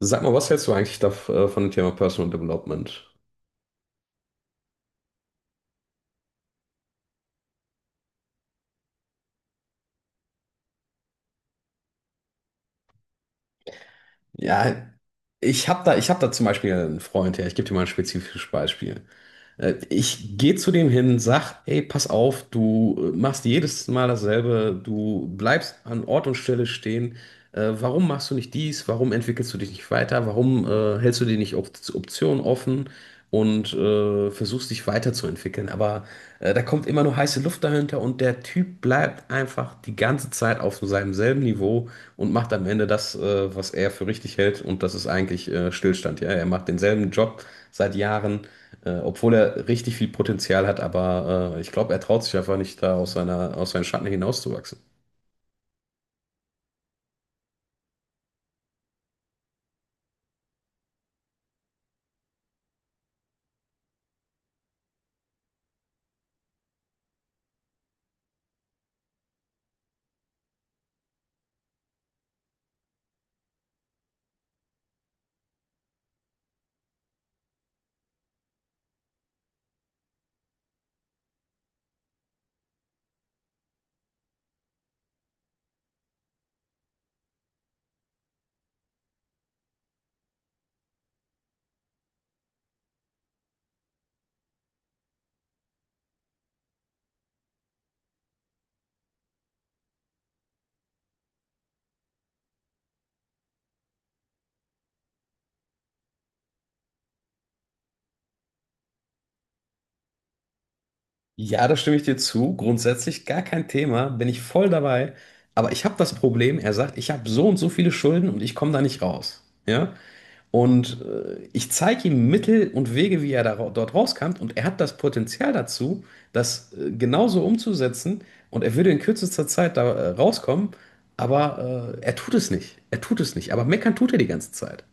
Sag mal, was hältst du eigentlich da, von dem Thema Personal Development? Ja, ich hab da zum Beispiel einen Freund, ja, ich gebe dir mal ein spezifisches Beispiel. Ich gehe zu dem hin, sag, ey, pass auf, du machst jedes Mal dasselbe, du bleibst an Ort und Stelle stehen. Warum machst du nicht dies? Warum entwickelst du dich nicht weiter? Warum hältst du dir nicht Op Optionen offen und versuchst dich weiterzuentwickeln? Aber da kommt immer nur heiße Luft dahinter, und der Typ bleibt einfach die ganze Zeit auf so seinem selben Niveau und macht am Ende das, was er für richtig hält, und das ist eigentlich Stillstand. Ja, er macht denselben Job seit Jahren, obwohl er richtig viel Potenzial hat, aber ich glaube, er traut sich einfach nicht, da aus seiner, aus seinen Schatten hinauszuwachsen. Ja, da stimme ich dir zu. Grundsätzlich gar kein Thema, bin ich voll dabei. Aber ich habe das Problem, er sagt, ich habe so und so viele Schulden und ich komme da nicht raus. Ja? Und ich zeige ihm Mittel und Wege, wie er dort rauskommt. Und er hat das Potenzial dazu, das genauso umzusetzen. Und er würde in kürzester Zeit da rauskommen. Aber er tut es nicht. Er tut es nicht. Aber meckern tut er die ganze Zeit.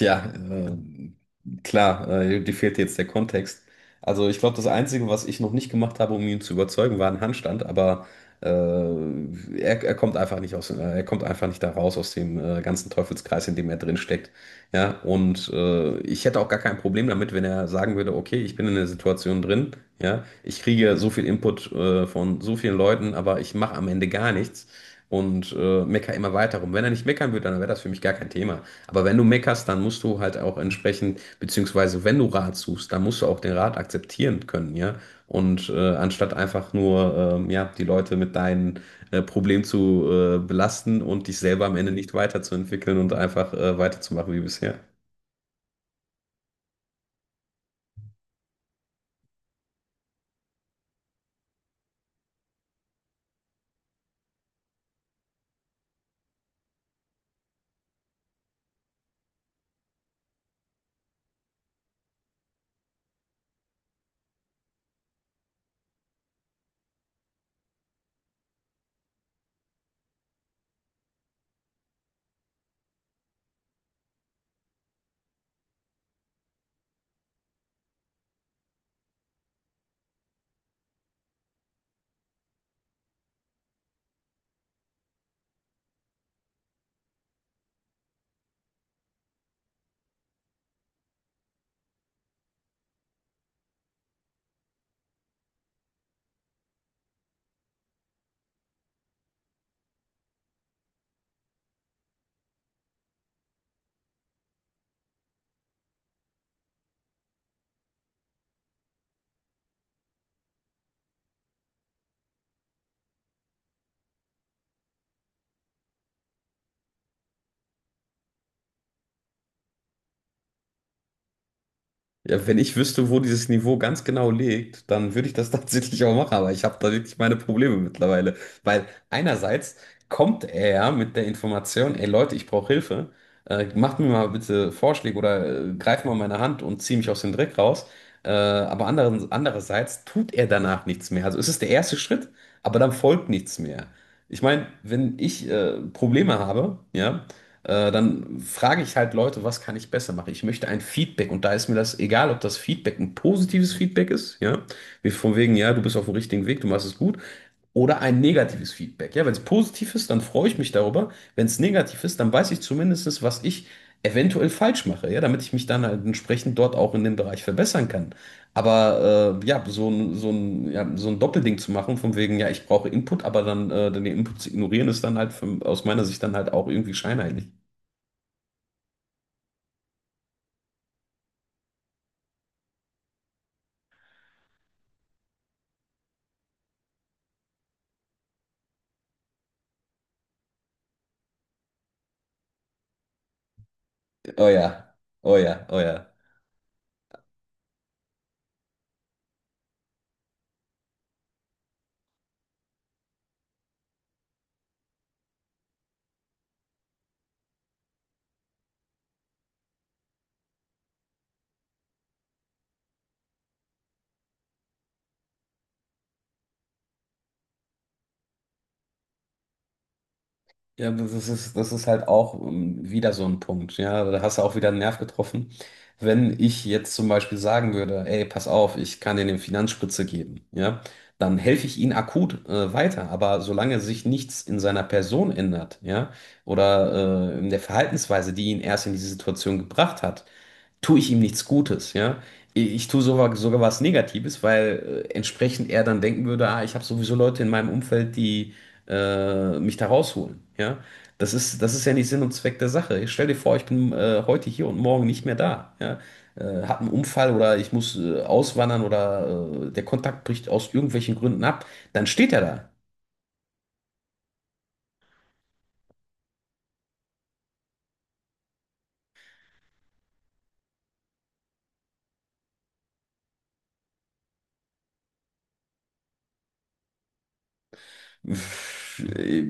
Ja, klar, dir fehlt jetzt der Kontext. Also ich glaube, das Einzige, was ich noch nicht gemacht habe, um ihn zu überzeugen, war ein Handstand, aber er kommt einfach nicht da raus aus dem ganzen Teufelskreis, in dem er drin steckt. Ja, und ich hätte auch gar kein Problem damit, wenn er sagen würde, okay, ich bin in der Situation drin, ja, ich kriege ja so viel Input von so vielen Leuten, aber ich mache am Ende gar nichts und meckere immer weiter rum. Wenn er nicht meckern würde, dann wäre das für mich gar kein Thema. Aber wenn du meckerst, dann musst du halt auch entsprechend, beziehungsweise wenn du Rat suchst, dann musst du auch den Rat akzeptieren können, ja. Und anstatt einfach nur, ja, die Leute mit deinen Problemen zu belasten und dich selber am Ende nicht weiterzuentwickeln und einfach weiterzumachen wie bisher. Ja, wenn ich wüsste, wo dieses Niveau ganz genau liegt, dann würde ich das tatsächlich auch machen, aber ich habe da wirklich meine Probleme mittlerweile. Weil einerseits kommt er ja mit der Information, ey Leute, ich brauche Hilfe, macht mir mal bitte Vorschläge oder greift mal meine Hand und zieh mich aus dem Dreck raus. Aber andererseits tut er danach nichts mehr. Also es ist der erste Schritt, aber dann folgt nichts mehr. Ich meine, wenn ich Probleme habe, ja, dann frage ich halt Leute, was kann ich besser machen? Ich möchte ein Feedback, und da ist mir das egal, ob das Feedback ein positives Feedback ist, ja, wie von wegen, ja, du bist auf dem richtigen Weg, du machst es gut, oder ein negatives Feedback. Ja, wenn es positiv ist, dann freue ich mich darüber. Wenn es negativ ist, dann weiß ich zumindest, was ich eventuell falsch mache, ja, damit ich mich dann halt entsprechend dort auch in dem Bereich verbessern kann. Aber ja, so ein Doppelding zu machen, von wegen, ja, ich brauche Input, aber dann den Input zu ignorieren, ist dann halt für, aus meiner Sicht dann halt auch irgendwie scheinheilig. Oh ja, oh ja, oh ja. Ja, das ist halt auch wieder so ein Punkt. Ja, da hast du auch wieder einen Nerv getroffen. Wenn ich jetzt zum Beispiel sagen würde, ey, pass auf, ich kann dir eine Finanzspritze geben, ja, dann helfe ich ihm akut weiter. Aber solange sich nichts in seiner Person ändert, ja, oder in der Verhaltensweise, die ihn erst in diese Situation gebracht hat, tue ich ihm nichts Gutes, ja. Ich tue sogar, sogar was Negatives, weil entsprechend er dann denken würde, ah, ich habe sowieso Leute in meinem Umfeld, die mich da rausholen. Ja? Das ist ja nicht Sinn und Zweck der Sache. Ich stell dir vor, ich bin heute hier und morgen nicht mehr da. Ja? Hab einen Unfall oder ich muss auswandern oder der Kontakt bricht aus irgendwelchen Gründen ab. Dann steht er da.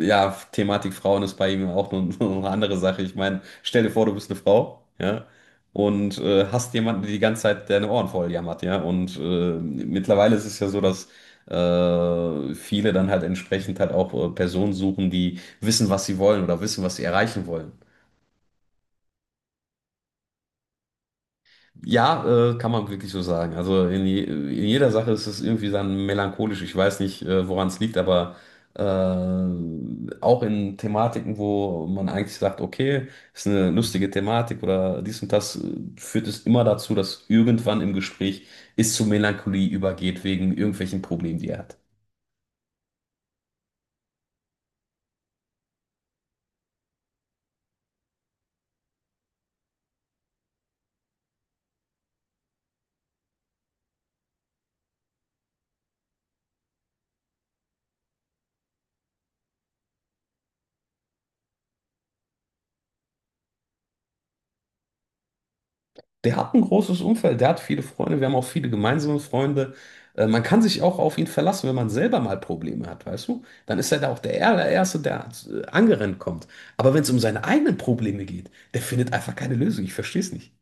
Ja, Thematik Frauen ist bei ihm auch nur eine andere Sache. Ich meine, stell dir vor, du bist eine Frau, ja, und hast jemanden, der die ganze Zeit deine Ohren voll jammert, ja. Und mittlerweile ist es ja so, dass viele dann halt entsprechend halt auch Personen suchen, die wissen, was sie wollen, oder wissen, was sie erreichen wollen. Ja, kann man wirklich so sagen. Also in jeder Sache ist es irgendwie dann melancholisch. Ich weiß nicht, woran es liegt, aber auch in Thematiken, wo man eigentlich sagt, okay, ist eine lustige Thematik oder dies und das, führt es immer dazu, dass irgendwann im Gespräch es zu Melancholie übergeht wegen irgendwelchen Problemen, die er hat. Der hat ein großes Umfeld, der hat viele Freunde, wir haben auch viele gemeinsame Freunde. Man kann sich auch auf ihn verlassen, wenn man selber mal Probleme hat, weißt du? Dann ist er da auch der allererste, der angerannt kommt. Aber wenn es um seine eigenen Probleme geht, der findet einfach keine Lösung. Ich verstehe es nicht.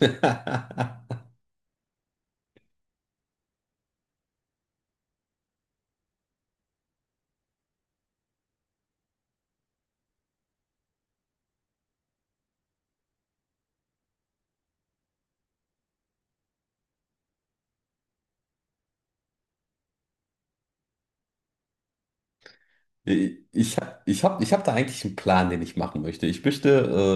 Ich hab da eigentlich einen Plan, den ich machen möchte. Ich möchte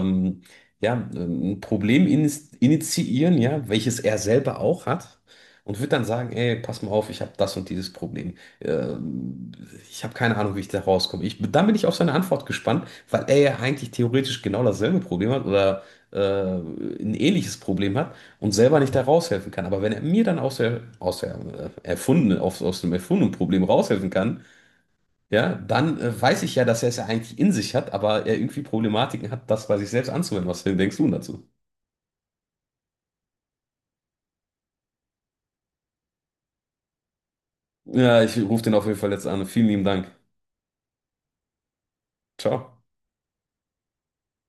ähm, ja, ein Problem initiieren, ja, welches er selber auch hat. Und würde dann sagen, ey, pass mal auf, ich habe das und dieses Problem. Ähm, ich habe keine Ahnung, wie ich da rauskomme. Ich, dann bin ich auf seine Antwort gespannt, weil er ja eigentlich theoretisch genau dasselbe Problem hat oder ein ähnliches Problem hat und selber nicht da raushelfen kann. Aber wenn er mir dann aus der aus dem erfundenen Problem raushelfen kann, ja, dann weiß ich ja, dass er es ja eigentlich in sich hat, aber er irgendwie Problematiken hat, das bei sich selbst anzuwenden. Was denkst du dazu? Ja, ich rufe den auf jeden Fall jetzt an. Vielen lieben Dank. Ciao.